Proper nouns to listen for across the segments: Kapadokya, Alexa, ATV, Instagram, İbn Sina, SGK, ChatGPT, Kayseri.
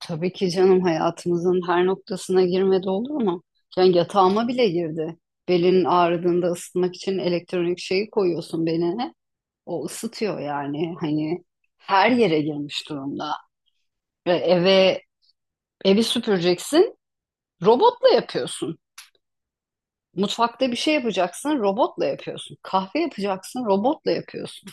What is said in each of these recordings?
Tabii ki canım hayatımızın her noktasına girmedi olur mu? Yani yatağıma bile girdi. Belin ağrıdığında ısıtmak için elektronik şeyi koyuyorsun beline. O ısıtıyor yani. Hani her yere girmiş durumda. Ve evi süpüreceksin, robotla yapıyorsun. Mutfakta bir şey yapacaksın, robotla yapıyorsun. Kahve yapacaksın, robotla yapıyorsun.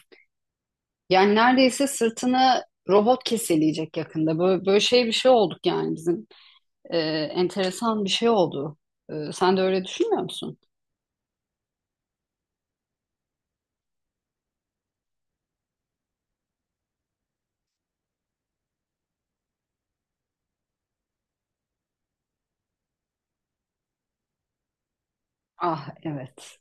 Yani neredeyse sırtını robot keseleyecek yakında. Böyle şey bir şey olduk yani bizim. e, Enteresan bir şey oldu. Sen de öyle düşünmüyor musun? Ah evet.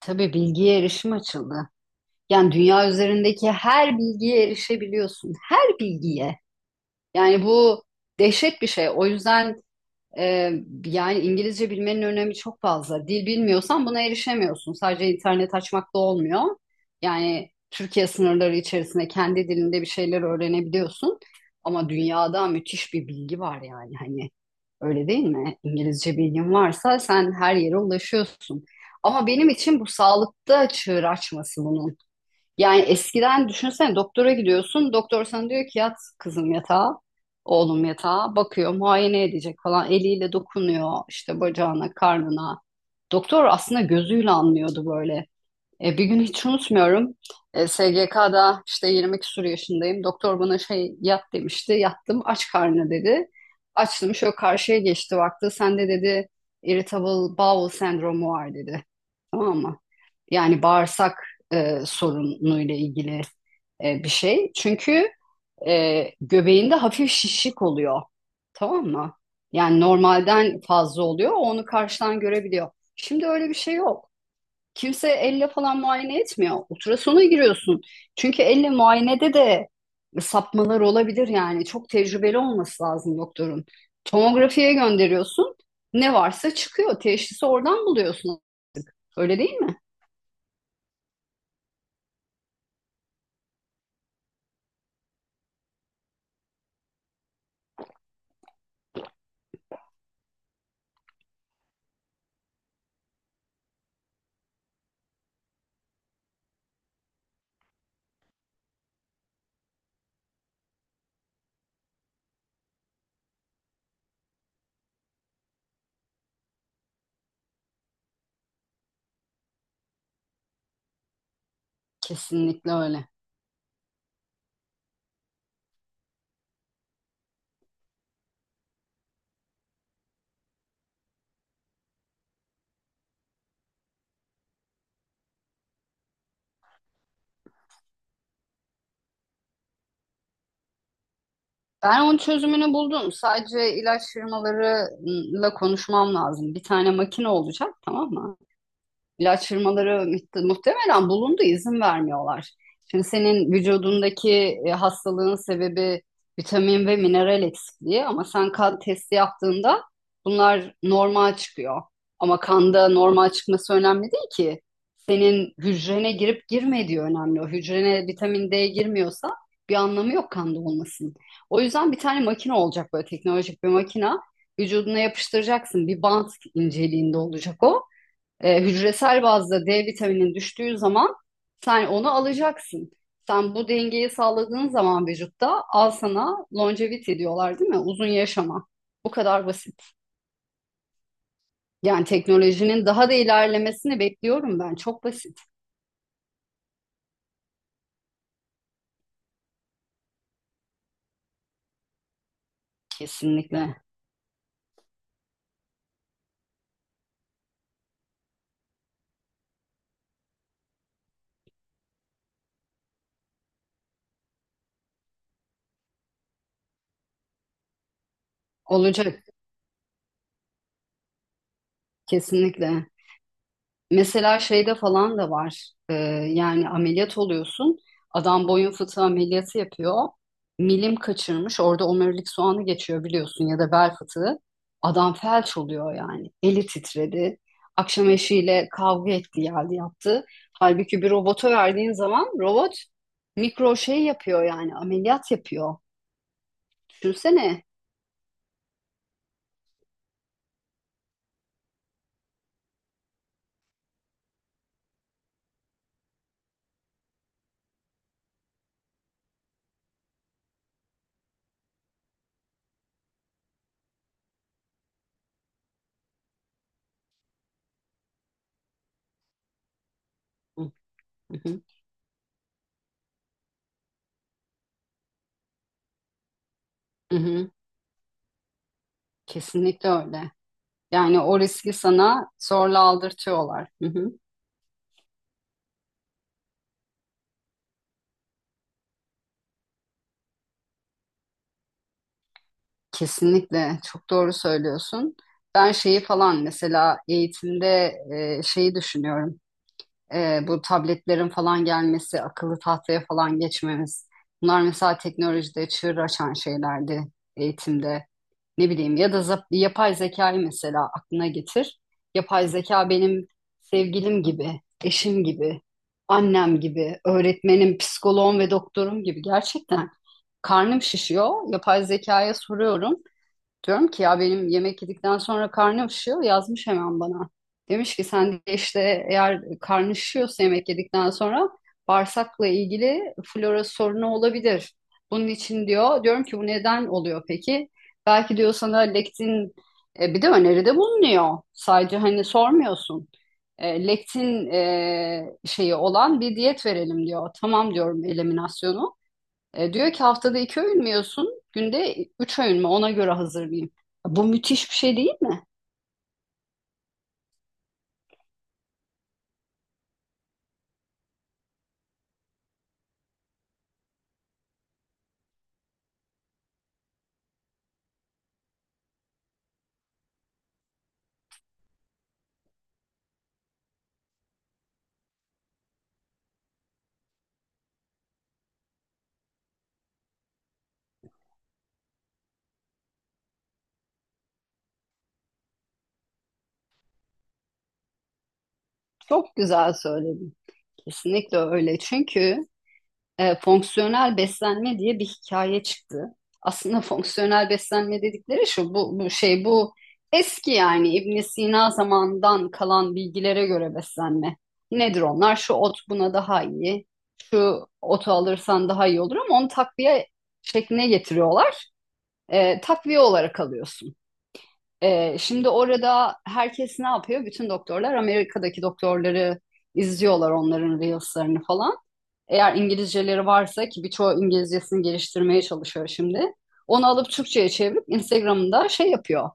Tabii bilgiye erişim açıldı. Yani dünya üzerindeki her bilgiye erişebiliyorsun. Her bilgiye. Yani bu dehşet bir şey. O yüzden Ee, yani İngilizce bilmenin önemi çok fazla. Dil bilmiyorsan buna erişemiyorsun. Sadece internet açmak da olmuyor. Yani Türkiye sınırları içerisinde kendi dilinde bir şeyler öğrenebiliyorsun. Ama dünyada müthiş bir bilgi var yani hani öyle değil mi? İngilizce bilgin varsa sen her yere ulaşıyorsun. Ama benim için bu sağlıkta çığır açması bunun. Yani eskiden düşünsene doktora gidiyorsun. Doktor sana diyor ki yat kızım yatağa, oğlum yatağa. Bakıyor, muayene edecek falan. Eliyle dokunuyor işte bacağına, karnına. Doktor aslında gözüyle anlıyordu böyle. Bir gün hiç unutmuyorum. SGK'da işte 20 küsur yaşındayım. Doktor bana şey yat demişti. Yattım aç karnına dedi. Açtım şöyle karşıya geçti baktı. Sende dedi irritable bowel sendromu var dedi. Tamam mı? Yani bağırsak sorunuyla ilgili bir şey. Çünkü göbeğinde hafif şişlik oluyor. Tamam mı? Yani normalden fazla oluyor. Onu karşıdan görebiliyor. Şimdi öyle bir şey yok. Kimse elle falan muayene etmiyor. Ultrasona giriyorsun. Çünkü elle muayenede de sapmalar olabilir yani. Çok tecrübeli olması lazım doktorun. Tomografiye gönderiyorsun. Ne varsa çıkıyor. Teşhisi oradan buluyorsun. Öyle değil mi? Kesinlikle öyle. Ben onun çözümünü buldum. Sadece ilaç firmalarıyla konuşmam lazım. Bir tane makine olacak, tamam mı? İlaç firmaları muhtemelen bulundu, izin vermiyorlar. Şimdi senin vücudundaki hastalığın sebebi vitamin ve mineral eksikliği ama sen kan testi yaptığında bunlar normal çıkıyor. Ama kanda normal çıkması önemli değil ki. Senin hücrene girip girmediği önemli. O hücrene vitamin D girmiyorsa bir anlamı yok kanda olmasının. O yüzden bir tane makine olacak böyle teknolojik bir makine. Vücuduna yapıştıracaksın. Bir bant inceliğinde olacak o. Hücresel bazda D vitaminin düştüğü zaman sen onu alacaksın. Sen bu dengeyi sağladığın zaman vücutta al sana longevity diyorlar değil mi? Uzun yaşama. Bu kadar basit. Yani teknolojinin daha da ilerlemesini bekliyorum ben. Çok basit. Kesinlikle. Olacak. Kesinlikle. Mesela şeyde falan da var. Yani ameliyat oluyorsun. Adam boyun fıtığı ameliyatı yapıyor. Milim kaçırmış. Orada omurilik soğanı geçiyor biliyorsun ya da bel fıtığı. Adam felç oluyor yani. Eli titredi. Akşam eşiyle kavga etti geldi yaptı. Halbuki bir robota verdiğin zaman robot mikro şey yapıyor yani ameliyat yapıyor. Düşünsene. Hı hı, hı hı. Kesinlikle öyle. Yani o riski sana zorla aldırtıyorlar. Hı hı. Kesinlikle çok doğru söylüyorsun. Ben şeyi falan mesela eğitimde şeyi düşünüyorum. Bu tabletlerin falan gelmesi, akıllı tahtaya falan geçmemiz. Bunlar mesela teknolojide çığır açan şeylerdi eğitimde. Ne bileyim ya da yapay zekayı mesela aklına getir. Yapay zeka benim sevgilim gibi, eşim gibi, annem gibi, öğretmenim, psikoloğum ve doktorum gibi gerçekten. Karnım şişiyor. Yapay zekaya soruyorum. Diyorum ki ya benim yemek yedikten sonra karnım şişiyor yazmış hemen bana. Demiş ki sen de işte eğer karnı şişiyorsa yemek yedikten sonra bağırsakla ilgili flora sorunu olabilir. Bunun için diyor diyorum ki bu neden oluyor peki? Belki diyor sana lektin bir de öneride bulunuyor. Sadece hani sormuyorsun. Lektin şeyi olan bir diyet verelim diyor. Tamam diyorum eliminasyonu. Diyor ki haftada iki öğün mü yiyorsun? Günde üç öğün mü? Ona göre hazırlayayım. Bu müthiş bir şey değil mi? Çok güzel söyledin. Kesinlikle öyle. Çünkü fonksiyonel beslenme diye bir hikaye çıktı. Aslında fonksiyonel beslenme dedikleri şu, bu, bu şey bu eski yani İbn Sina zamandan kalan bilgilere göre beslenme. Nedir onlar? Şu ot buna daha iyi. Şu otu alırsan daha iyi olur ama onu takviye şekline getiriyorlar. Takviye olarak alıyorsun. Şimdi orada herkes ne yapıyor? Bütün doktorlar Amerika'daki doktorları izliyorlar onların reels'larını falan. Eğer İngilizceleri varsa ki birçoğu İngilizcesini geliştirmeye çalışıyor şimdi. Onu alıp Türkçe'ye çevirip Instagram'da şey yapıyor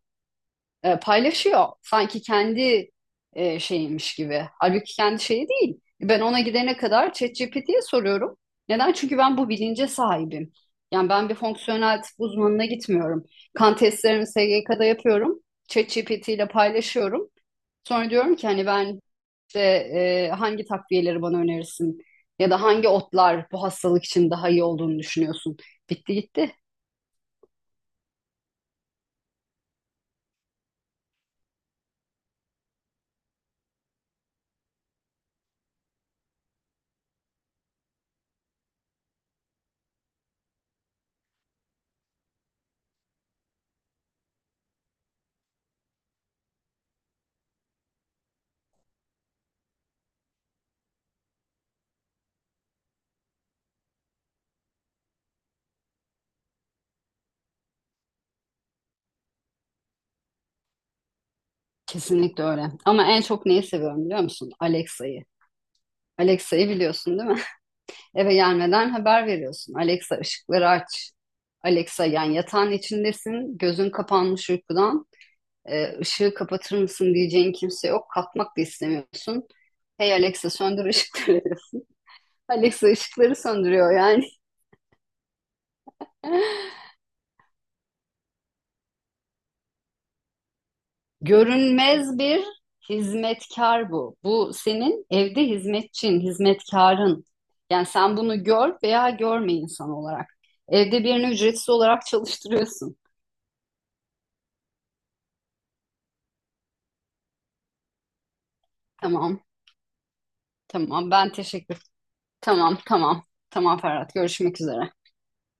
paylaşıyor. Sanki kendi şeymiş gibi. Halbuki kendi şeyi değil. Ben ona gidene kadar ChatGPT'ye soruyorum. Neden? Çünkü ben bu bilince sahibim. Yani ben bir fonksiyonel tıp uzmanına gitmiyorum. Kan testlerimi SGK'da yapıyorum. ChatGPT ile paylaşıyorum. Sonra diyorum ki hani ben işte hangi takviyeleri bana önerirsin? Ya da hangi otlar bu hastalık için daha iyi olduğunu düşünüyorsun? Bitti gitti. Kesinlikle öyle. Ama en çok neyi seviyorum biliyor musun? Alexa'yı. Alexa'yı biliyorsun değil mi? Eve gelmeden haber veriyorsun. Alexa ışıkları aç. Alexa yani yatağın içindesin. Gözün kapanmış uykudan. Işığı kapatır mısın diyeceğin kimse yok. Kalkmak da istemiyorsun. Hey Alexa söndür ışıkları diyorsun. Alexa ışıkları söndürüyor yani. Görünmez bir hizmetkar bu. Bu senin evde hizmetçin, hizmetkarın. Yani sen bunu gör veya görme insan olarak. Evde birini ücretsiz olarak çalıştırıyorsun. Tamam, tamam. Ben teşekkür Tamam, tamam. Tamam Ferhat. Görüşmek üzere.